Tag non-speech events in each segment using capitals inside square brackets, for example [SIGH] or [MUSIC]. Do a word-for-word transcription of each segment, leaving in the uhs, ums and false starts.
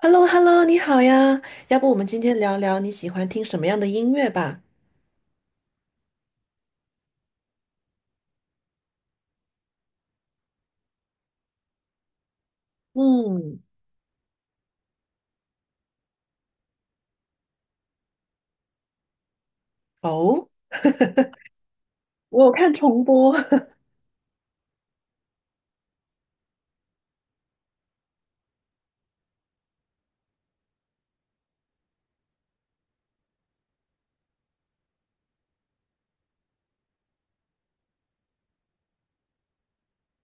h e l l o h e l l o 你好呀，要不我们今天聊聊你喜欢听什么样的音乐吧？嗯，哦，我有看重播。[LAUGHS]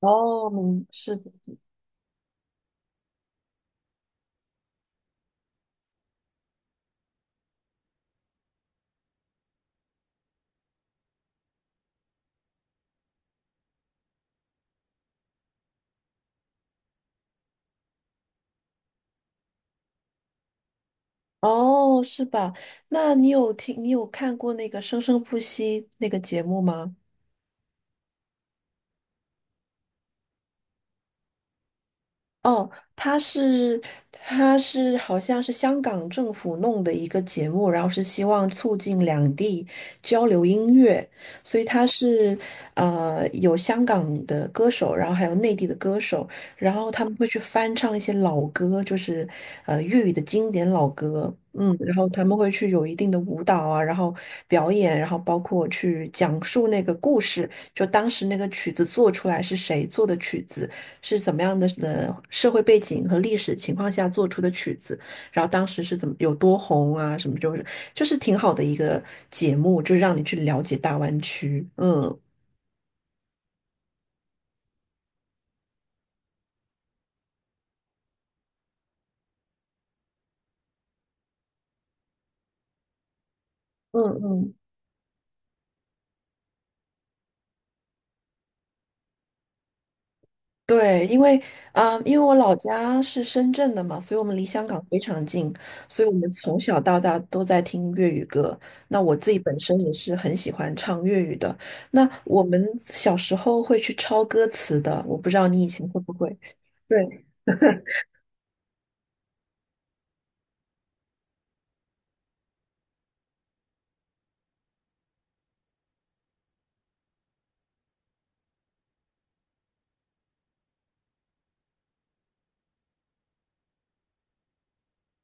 哦，明是的，哦，是吧？那你有听，你有看过那个《生生不息》那个节目吗？哦，它是它是好像是香港政府弄的一个节目，然后是希望促进两地交流音乐，所以它是呃有香港的歌手，然后还有内地的歌手，然后他们会去翻唱一些老歌，就是呃粤语的经典老歌，嗯，然后他们会去有一定的舞蹈啊，然后表演，然后包括去讲述那个故事，就当时那个曲子做出来是谁做的曲子。是怎么样的呃社会背景和历史情况下做出的曲子，然后当时是怎么有多红啊，什么就是就是挺好的一个节目，就是让你去了解大湾区。嗯，嗯嗯，对，因为啊、呃因为我老家是深圳的嘛，所以我们离香港非常近，所以我们从小到大都在听粤语歌。那我自己本身也是很喜欢唱粤语的。那我们小时候会去抄歌词的，我不知道你以前会不会？对。[LAUGHS]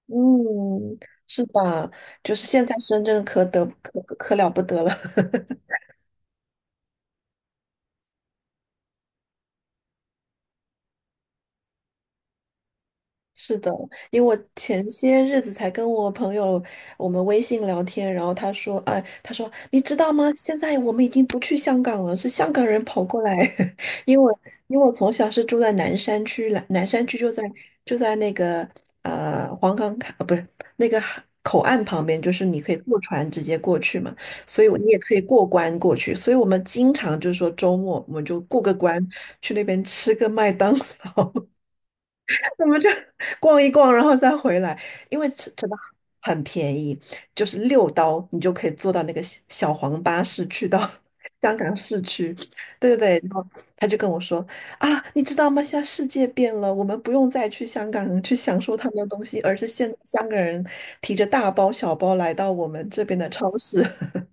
嗯，是吧？就是现在深圳可得可可了不得了，是的，因为我前些日子才跟我朋友我们微信聊天，然后他说，哎，他说你知道吗？现在我们已经不去香港了，是香港人跑过来，[LAUGHS] 因为因为我从小是住在南山区，南南山区就在就在那个呃黄岗卡，呃不是那个海口岸旁边，就是你可以坐船直接过去嘛，所以我你也可以过关过去，所以我们经常就是说周末我们就过个关去那边吃个麦当 [LAUGHS] 我们就逛一逛，然后再回来，因为真真的很便宜，就是六刀你就可以坐到那个小小黄巴士去到 [LAUGHS] 香港市区。对对对，然后他就跟我说啊，你知道吗？现在世界变了，我们不用再去香港去享受他们的东西，而是现在香港人提着大包小包来到我们这边的超市。[LAUGHS]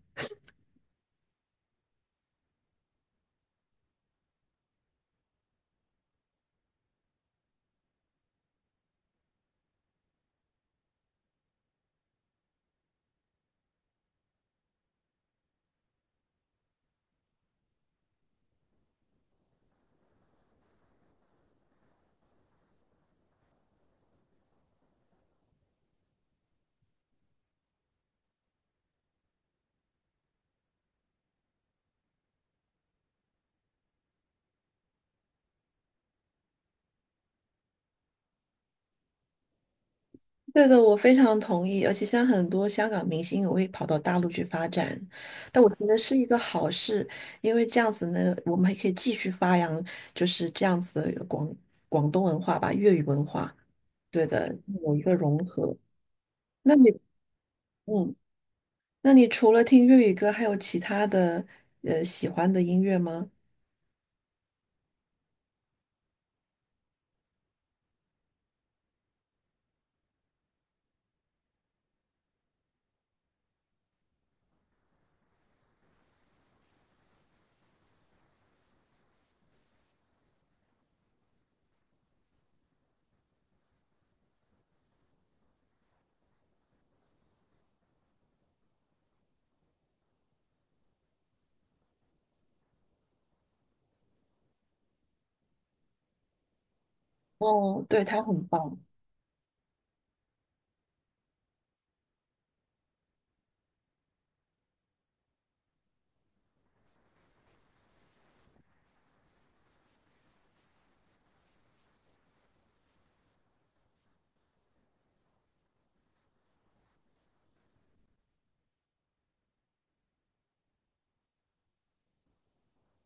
对的，我非常同意。而且像很多香港明星也会跑到大陆去发展，但我觉得是一个好事，因为这样子呢，我们还可以继续发扬就是这样子的广广东文化吧，粤语文化。对的，有一个融合。那你，嗯，那你除了听粤语歌，还有其他的呃喜欢的音乐吗？哦，对，他很棒。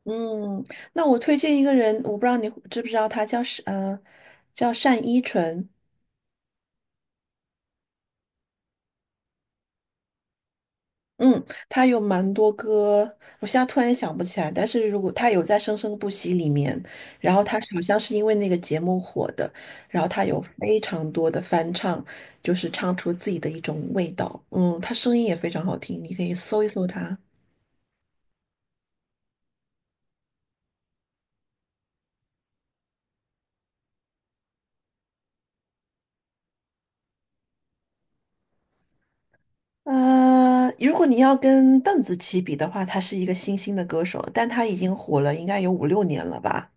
嗯，那我推荐一个人，我不知道你知不知道他叫是呃叫单依纯。嗯，他有蛮多歌，我现在突然想不起来。但是如果他有在《生生不息》里面，然后他好像是因为那个节目火的，然后他有非常多的翻唱，就是唱出自己的一种味道。嗯，他声音也非常好听，你可以搜一搜他。呃，如果你要跟邓紫棋比的话，他是一个新兴的歌手，但他已经火了应该有五六年了吧？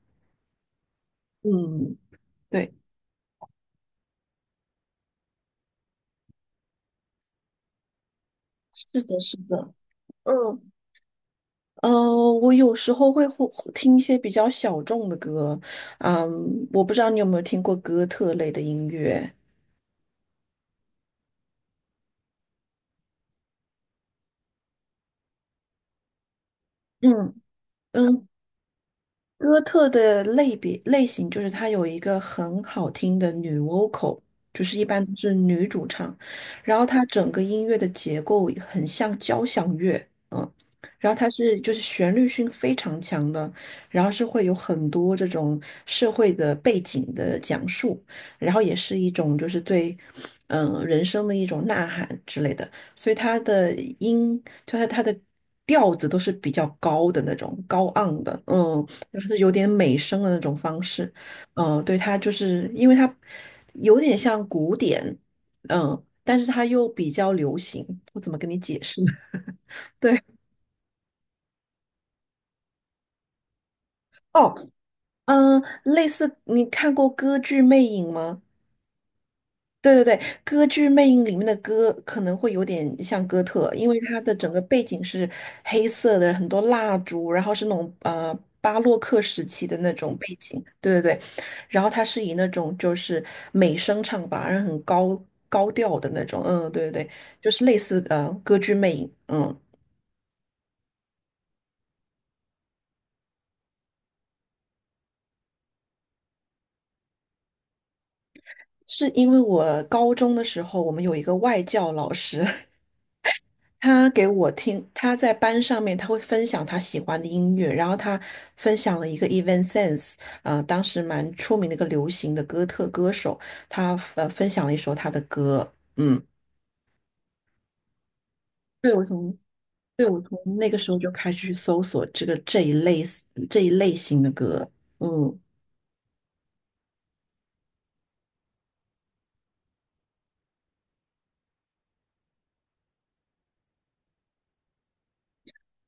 嗯，对，是的，是的。嗯，嗯，我有时候会会听一些比较小众的歌，嗯，我不知道你有没有听过哥特类的音乐。嗯，嗯，哥特的类别类型就是它有一个很好听的女 vocal，就是一般都是女主唱，然后它整个音乐的结构很像交响乐，嗯，然后它是就是旋律性非常强的，然后是会有很多这种社会的背景的讲述，然后也是一种就是对嗯人生的一种呐喊之类的，所以它的音就是它的。调子都是比较高的那种，高昂的，嗯，就是有点美声的那种方式，嗯、对，它就是因为它有点像古典，嗯、但是它又比较流行，我怎么跟你解释呢？[LAUGHS] 对，哦，嗯、类似你看过歌剧《魅影》吗？对对对，《歌剧魅影》里面的歌可能会有点像哥特，因为它的整个背景是黑色的，很多蜡烛，然后是那种呃巴洛克时期的那种背景。对对对，然后它是以那种就是美声唱法，然后很高高调的那种。嗯，对对对，就是类似呃《歌剧魅影》。嗯，是因为我高中的时候，我们有一个外教老师，[LAUGHS] 他给我听，他在班上面他会分享他喜欢的音乐，然后他分享了一个 Evanescence，呃，当时蛮出名的一个流行的哥特歌手，他呃分享了一首他的歌，嗯，对我从对我从那个时候就开始去搜索这个这一类这一类型的歌，嗯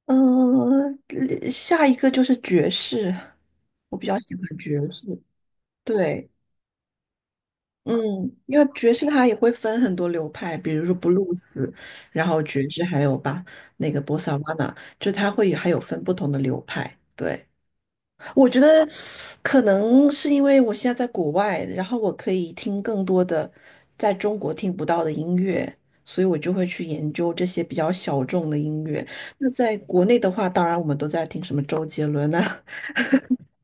呃，下一个就是爵士，我比较喜欢爵士，对。嗯，因为爵士它也会分很多流派，比如说布鲁斯，然后爵士，还有吧那个波萨瓦纳，就它会有还有分不同的流派。对，我觉得可能是因为我现在在国外，然后我可以听更多的在中国听不到的音乐，所以我就会去研究这些比较小众的音乐。那在国内的话，当然我们都在听什么周杰伦啊，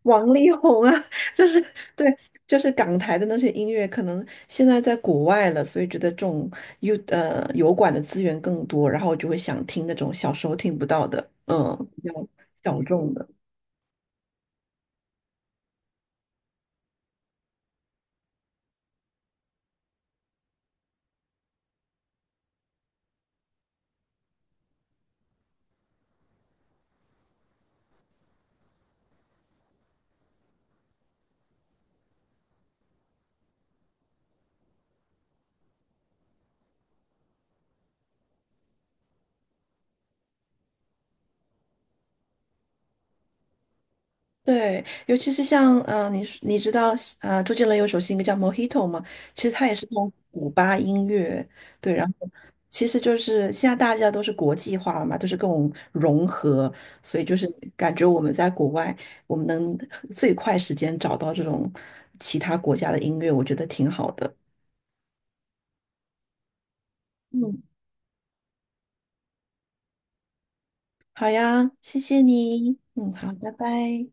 王力宏啊，[LAUGHS] 就是对，就是港台的那些音乐，可能现在在国外了，所以觉得这种油呃油管的资源更多，然后就会想听那种小时候听不到的，嗯，比较小众的。对，尤其是像呃，你你知道呃，周杰伦有首新歌叫《Mojito》吗？其实他也是从古巴音乐，对，然后。其实就是现在大家都是国际化了嘛，都是各种融合，所以就是感觉我们在国外，我们能最快时间找到这种其他国家的音乐，我觉得挺好的。嗯，好呀，谢谢你。嗯，好，拜拜。